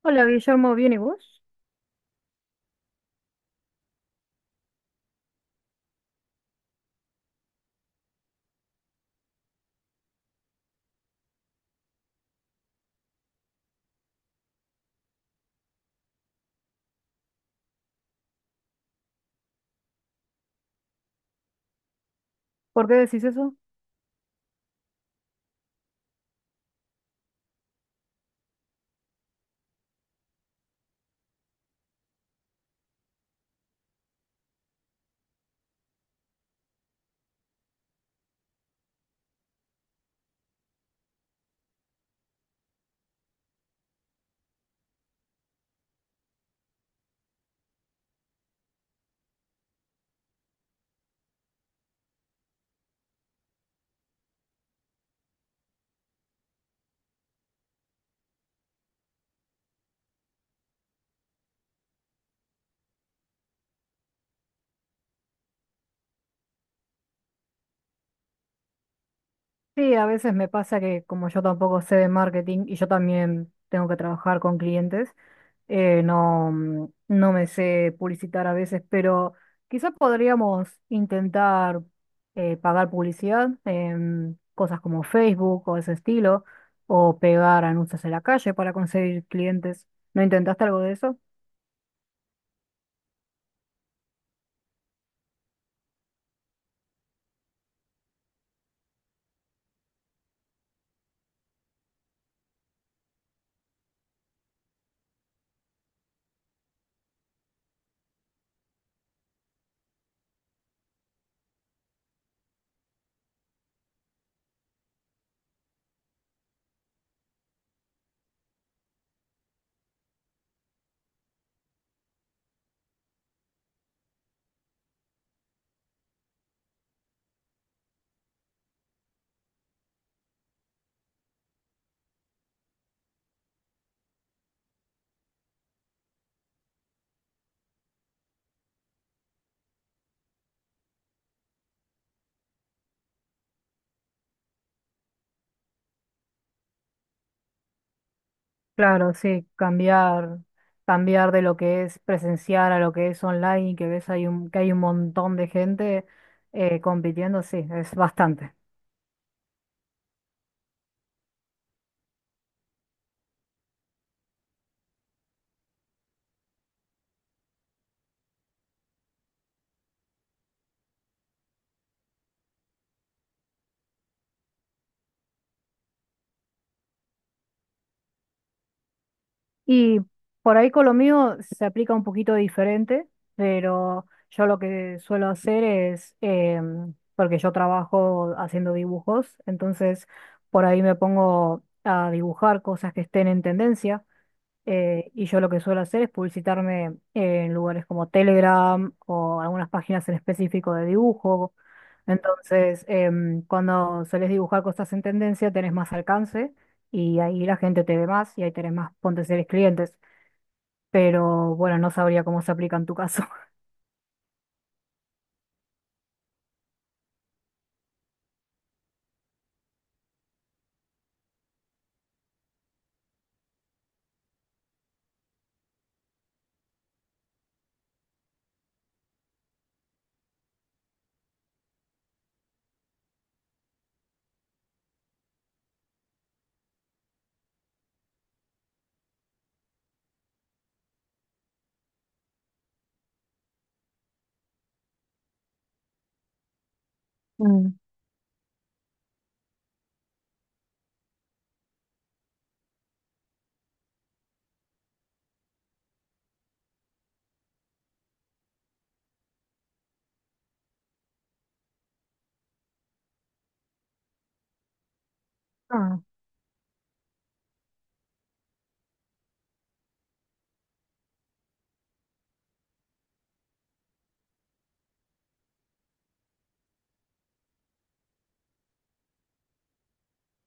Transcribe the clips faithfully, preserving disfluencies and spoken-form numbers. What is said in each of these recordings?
Hola Guillermo, ¿bien y vos? ¿Por qué decís eso? Sí, a veces me pasa que como yo tampoco sé de marketing y yo también tengo que trabajar con clientes, eh, no, mm, no me sé publicitar a veces, pero quizás podríamos intentar eh, pagar publicidad en cosas como Facebook o ese estilo, o pegar anuncios en la calle para conseguir clientes. ¿No intentaste algo de eso? Claro, sí, cambiar, cambiar de lo que es presencial a lo que es online y que ves hay un, que hay un montón de gente eh, compitiendo, sí, es bastante. Y por ahí con lo mío se aplica un poquito diferente, pero yo lo que suelo hacer es, em, porque yo trabajo haciendo dibujos, entonces por ahí me pongo a dibujar cosas que estén en tendencia. Eh, y yo lo que suelo hacer es publicitarme en lugares como Telegram o algunas páginas en específico de dibujo. Entonces, em, cuando solés dibujar cosas en tendencia, tenés más alcance y ahí la gente te ve más y ahí tenés más potenciales clientes. Pero bueno, no sabría cómo se aplica en tu caso. Mm. Ah,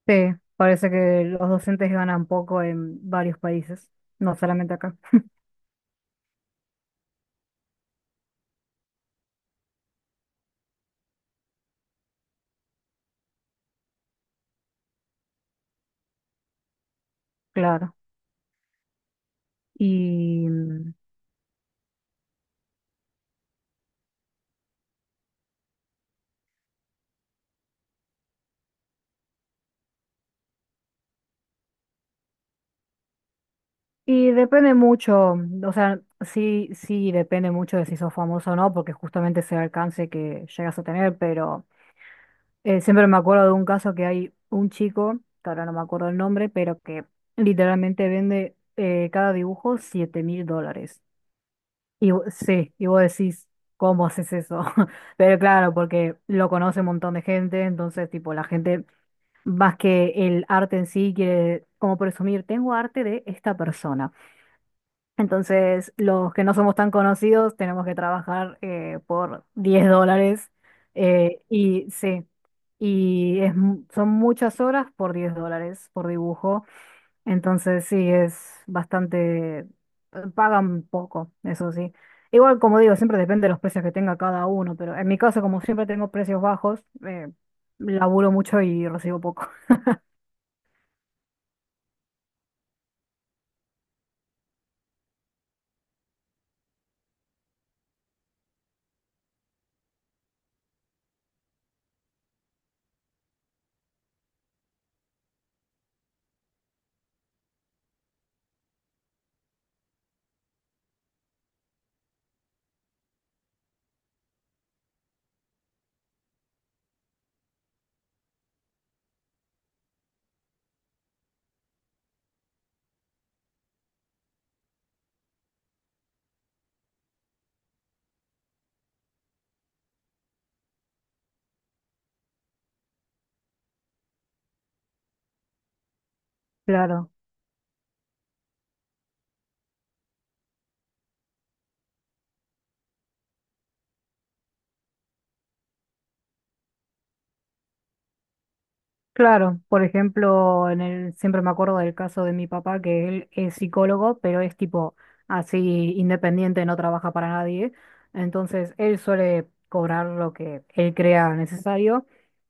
sí, parece que los docentes ganan poco en varios países, no solamente acá. Claro. Y, Y depende mucho, o sea, sí, sí depende mucho de si sos famoso o no, porque justamente ese alcance que llegas a tener, pero eh, siempre me acuerdo de un caso que hay un chico, que ahora no me acuerdo el nombre, pero que literalmente vende eh, cada dibujo siete mil dólares. Y vo- sí, y vos decís, ¿cómo haces eso? Pero claro, porque lo conoce un montón de gente, entonces tipo la gente, más que el arte en sí, quiere como presumir, tengo arte de esta persona. Entonces, los que no somos tan conocidos tenemos que trabajar eh, por diez dólares. eh, y sí, y es mu- son muchas horas por diez dólares por dibujo. Entonces, sí, es bastante, pagan poco, eso sí. Igual, como digo, siempre depende de los precios que tenga cada uno, pero en mi caso, como siempre tengo precios bajos, eh, laburo mucho y recibo poco. Claro. Claro, por ejemplo, en el, siempre me acuerdo del caso de mi papá, que él es psicólogo, pero es tipo así independiente, no trabaja para nadie. Entonces, él suele cobrar lo que él crea necesario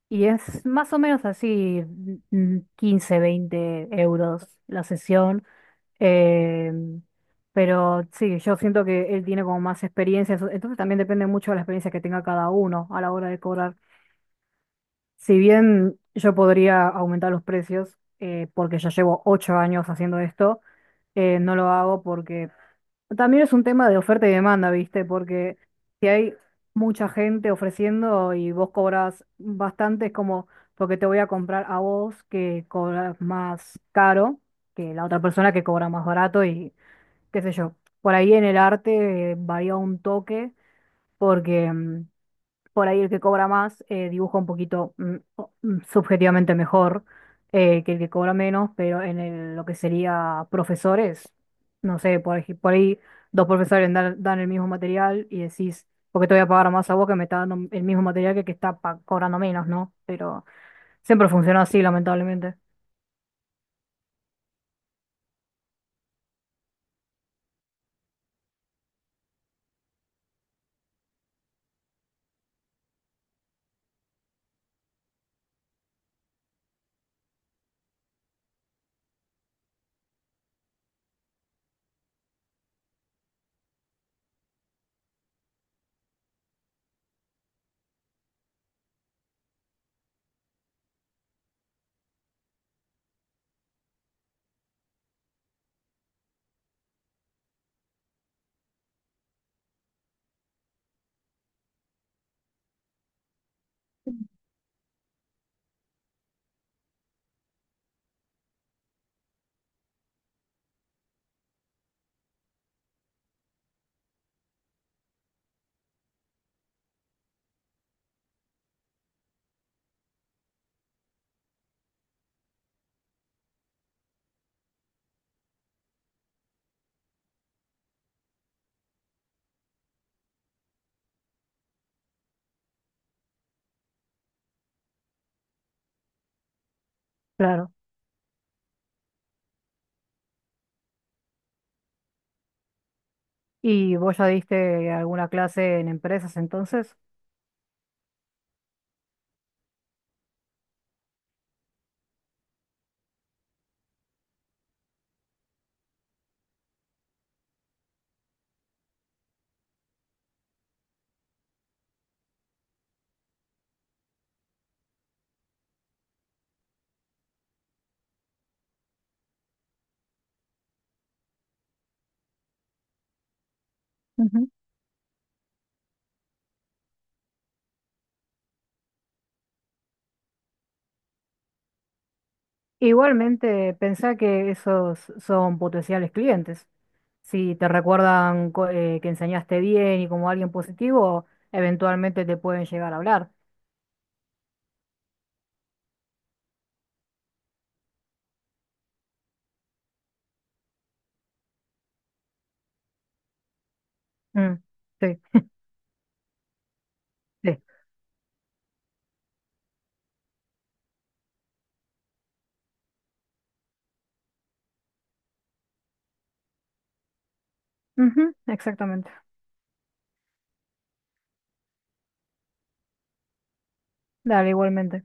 y es más o menos así, mm, quince, veinte euros la sesión. eh, pero sí, yo siento que él tiene como más experiencia, eso- entonces también depende mucho de la experiencia que tenga cada uno a la hora de cobrar. Si bien yo podría aumentar los precios, eh, porque ya llevo ocho años haciendo esto, eh, no lo hago porque también es un tema de oferta y demanda, ¿viste? Porque si hay mucha gente ofreciendo y vos cobras bastante, es como porque te voy a comprar a vos que cobras más caro que la otra persona que cobra más barato y qué sé yo. Por ahí en el arte, eh, varía un toque porque mm, por ahí el que cobra más eh, dibuja un poquito mm, o- mm, subjetivamente mejor eh, que el que cobra menos, pero en el- lo que sería profesores, no sé, por, ej- por ahí dos profesores dan, dan el mismo material y decís, ¿por qué te voy a pagar más a vos que me está dando el mismo material que el que está pa- cobrando menos? ¿No? Pero siempre funciona así, lamentablemente. Claro. ¿Y vos ya diste alguna clase en empresas entonces? Igualmente, pensá que esos son potenciales clientes. Si te recuerdan co- eh, que enseñaste bien y como alguien positivo, eventualmente te pueden llegar a hablar. Mm, sí, sí. Ujú, exactamente. Dale, igualmente.